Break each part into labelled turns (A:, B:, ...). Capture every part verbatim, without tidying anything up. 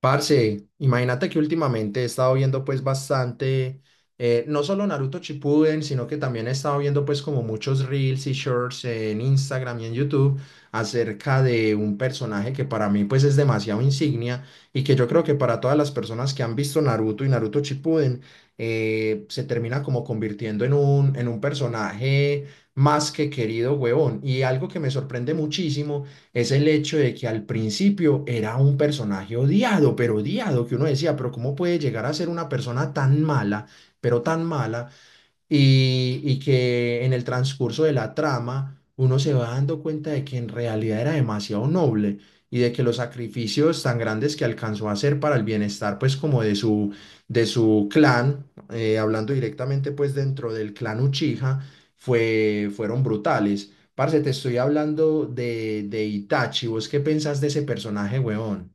A: Parce, imagínate que últimamente he estado viendo pues bastante, eh, no solo Naruto Shippuden, sino que también he estado viendo pues como muchos reels y shorts en Instagram y en YouTube acerca de un personaje que para mí pues es demasiado insignia y que yo creo que para todas las personas que han visto Naruto y Naruto Shippuden eh, se termina como convirtiendo en un, en un personaje más que querido, huevón. Y algo que me sorprende muchísimo es el hecho de que al principio era un personaje odiado, pero odiado, que uno decía, pero ¿cómo puede llegar a ser una persona tan mala, pero tan mala, y, y que en el transcurso de la trama uno se va dando cuenta de que en realidad era demasiado noble y de que los sacrificios tan grandes que alcanzó a hacer para el bienestar pues como de su, de su clan, eh, hablando directamente pues dentro del clan Uchiha, fue, fueron brutales. Parce, te estoy hablando de, de Itachi, ¿vos qué pensás de ese personaje, huevón?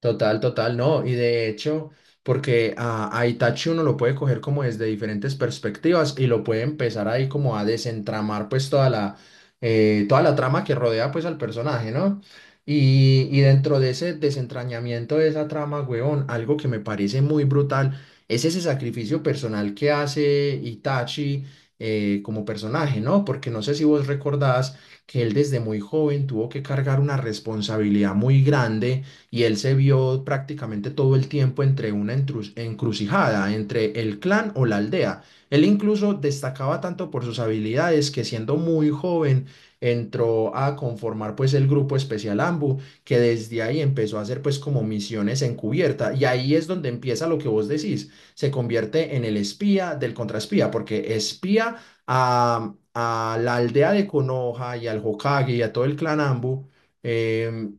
A: Total, total, no. Y de hecho, porque a, a Itachi uno lo puede coger como desde diferentes perspectivas y lo puede empezar ahí como a desentramar pues toda la, eh, toda la trama que rodea pues al personaje, ¿no? Y, y dentro de ese desentrañamiento de esa trama, huevón, algo que me parece muy brutal es ese sacrificio personal que hace Itachi eh, como personaje, ¿no? Porque no sé si vos recordás que él desde muy joven tuvo que cargar una responsabilidad muy grande y él se vio prácticamente todo el tiempo entre una entru- encrucijada, entre el clan o la aldea. Él incluso destacaba tanto por sus habilidades que siendo muy joven entró a conformar pues el grupo especial AMBU, que desde ahí empezó a hacer pues como misiones encubierta y ahí es donde empieza lo que vos decís, se convierte en el espía del contraespía, porque espía a, a la aldea de Konoha y al Hokage y a todo el clan Ambu, em,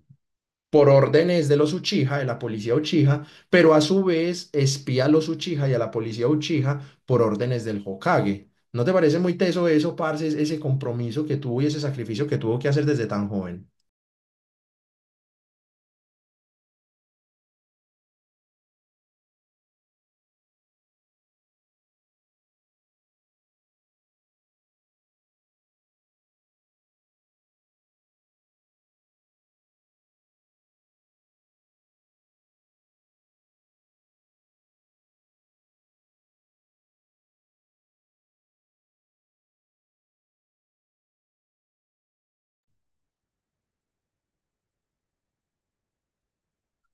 A: por órdenes de los Uchiha, de la policía Uchiha, pero a su vez espía a los Uchiha y a la policía Uchiha por órdenes del Hokage. ¿No te parece muy teso eso, parce, es- ese compromiso que tuvo y ese sacrificio que tuvo que hacer desde tan joven?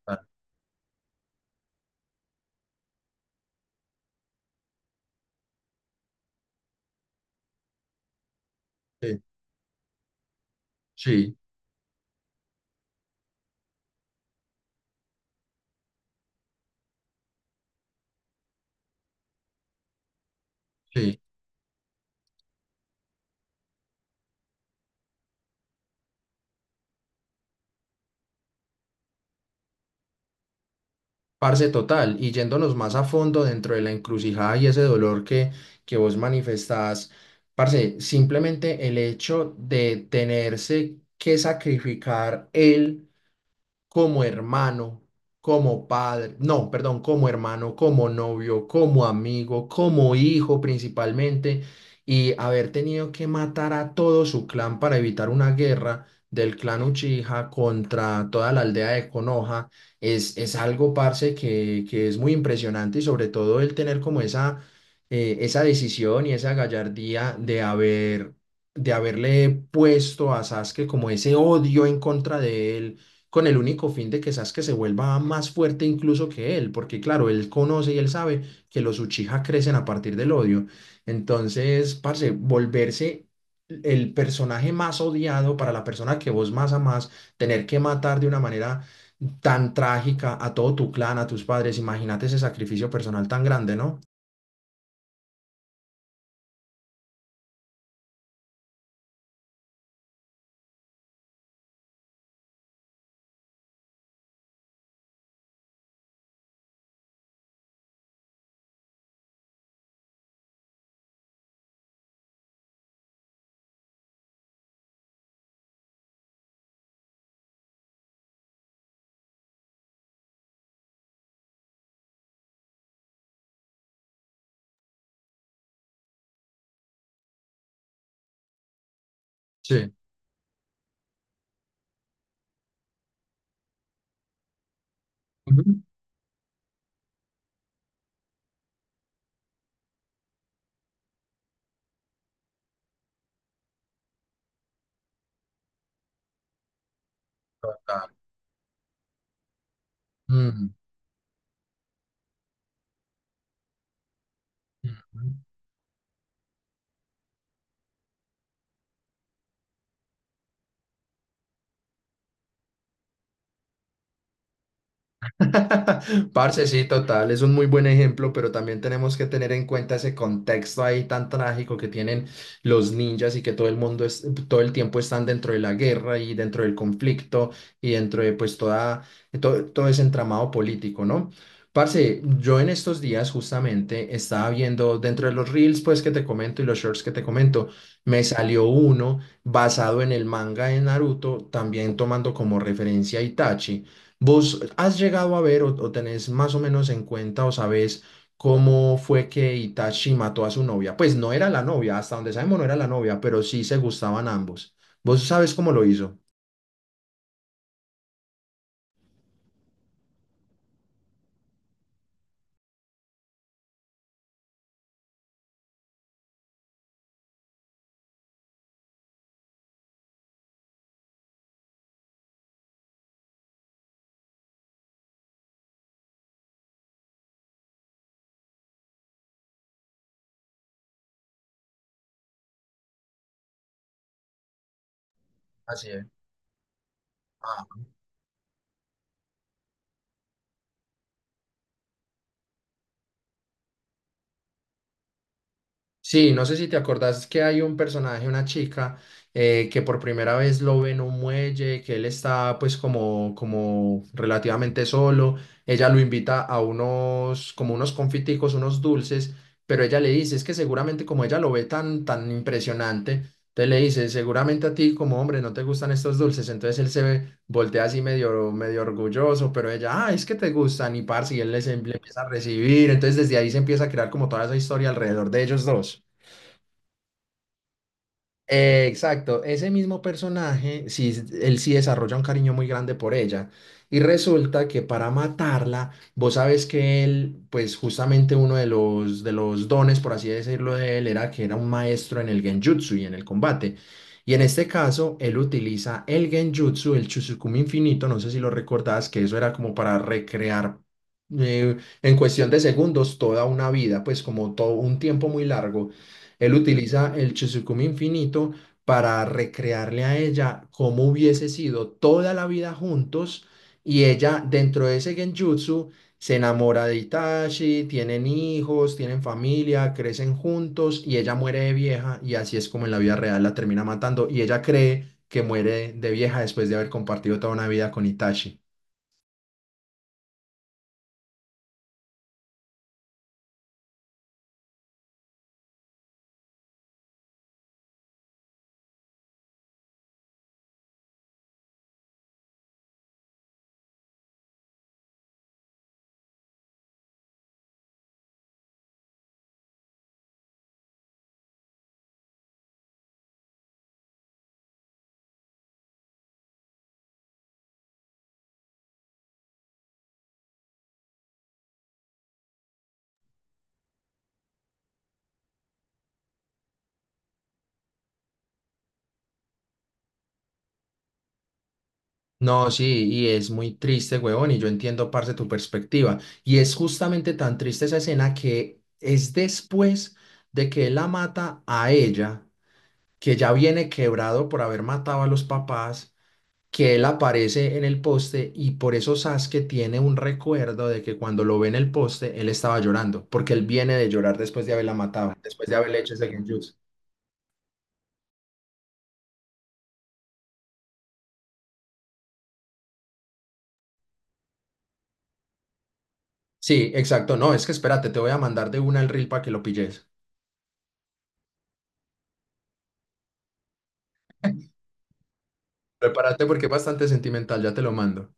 A: Ah. Sí, sí, sí. Parce total, y yéndonos más a fondo dentro de la encrucijada y ese dolor que, que vos manifestás, parce, simplemente el hecho de tenerse que sacrificar él como hermano, como padre, no, perdón, como hermano, como novio, como amigo, como hijo principalmente, y haber tenido que matar a todo su clan para evitar una guerra del clan Uchiha contra toda la aldea de Konoha, es, es algo, parce, que, que es muy impresionante y sobre todo el tener como esa, eh, esa decisión y esa gallardía de haber... de haberle puesto a Sasuke como ese odio en contra de él, con el único fin de que Sasuke se vuelva más fuerte incluso que él, porque claro, él conoce y él sabe que los Uchiha crecen a partir del odio. Entonces, parce, volverse el personaje más odiado para la persona que vos más amás, tener que matar de una manera tan trágica a todo tu clan, a tus padres, imagínate ese sacrificio personal tan grande, ¿no? Sí. Ujú. Total. Mm, mm. Parce, sí, total, es un muy buen ejemplo, pero también tenemos que tener en cuenta ese contexto ahí tan trágico que tienen los ninjas y que todo el mundo es, todo el tiempo están dentro de la guerra y dentro del conflicto y dentro de pues toda, todo, todo ese entramado político, ¿no? Parce, yo en estos días justamente estaba viendo dentro de los reels pues que te comento y los shorts que te comento, me salió uno basado en el manga de Naruto, también tomando como referencia a Itachi. ¿Vos has llegado a ver o, o tenés más o menos en cuenta o sabés cómo fue que Itachi mató a su novia? Pues no era la novia, hasta donde sabemos no era la novia, pero sí se gustaban ambos. ¿Vos sabes cómo lo hizo? Sí, no sé si te acordás que hay un personaje, una chica, eh, que por primera vez lo ve en un muelle, que él está pues como, como relativamente solo, ella lo invita a unos, como unos confiticos, unos dulces, pero ella le dice, es que seguramente como ella lo ve tan, tan impresionante, entonces le dice, seguramente a ti como hombre no te gustan estos dulces, entonces él se ve voltea así medio, medio orgulloso, pero ella, ah, es que te gustan y parce, y él les em- le empieza a recibir, entonces desde ahí se empieza a crear como toda esa historia alrededor de ellos dos. Eh, exacto, ese mismo personaje, sí, él sí desarrolla un cariño muy grande por ella. Y resulta que para matarla, vos sabes que él, pues justamente uno de los, de los dones, por así decirlo, de él era que era un maestro en el genjutsu y en el combate. Y en este caso, él utiliza el genjutsu, el Chusukumi infinito, no sé si lo recordás, que eso era como para recrear eh, en cuestión de segundos toda una vida, pues como todo un tiempo muy largo. Él utiliza el Chizukumi infinito para recrearle a ella cómo hubiese sido toda la vida juntos y ella dentro de ese genjutsu se enamora de Itachi, tienen hijos, tienen familia, crecen juntos y ella muere de vieja y así es como en la vida real la termina matando y ella cree que muere de vieja después de haber compartido toda una vida con Itachi. No, sí, y es muy triste, huevón, y yo entiendo parte tu perspectiva. Y es justamente tan triste esa escena que es después de que él la mata a ella, que ya viene quebrado por haber matado a los papás, que él aparece en el poste y por eso Sasuke tiene un recuerdo de que cuando lo ve en el poste, él estaba llorando, porque él viene de llorar después de haberla matado, después de haberle hecho ese genjutsu. Sí, exacto. No, es que espérate, te voy a mandar de una el reel para que lo pilles. Prepárate porque es bastante sentimental, ya te lo mando.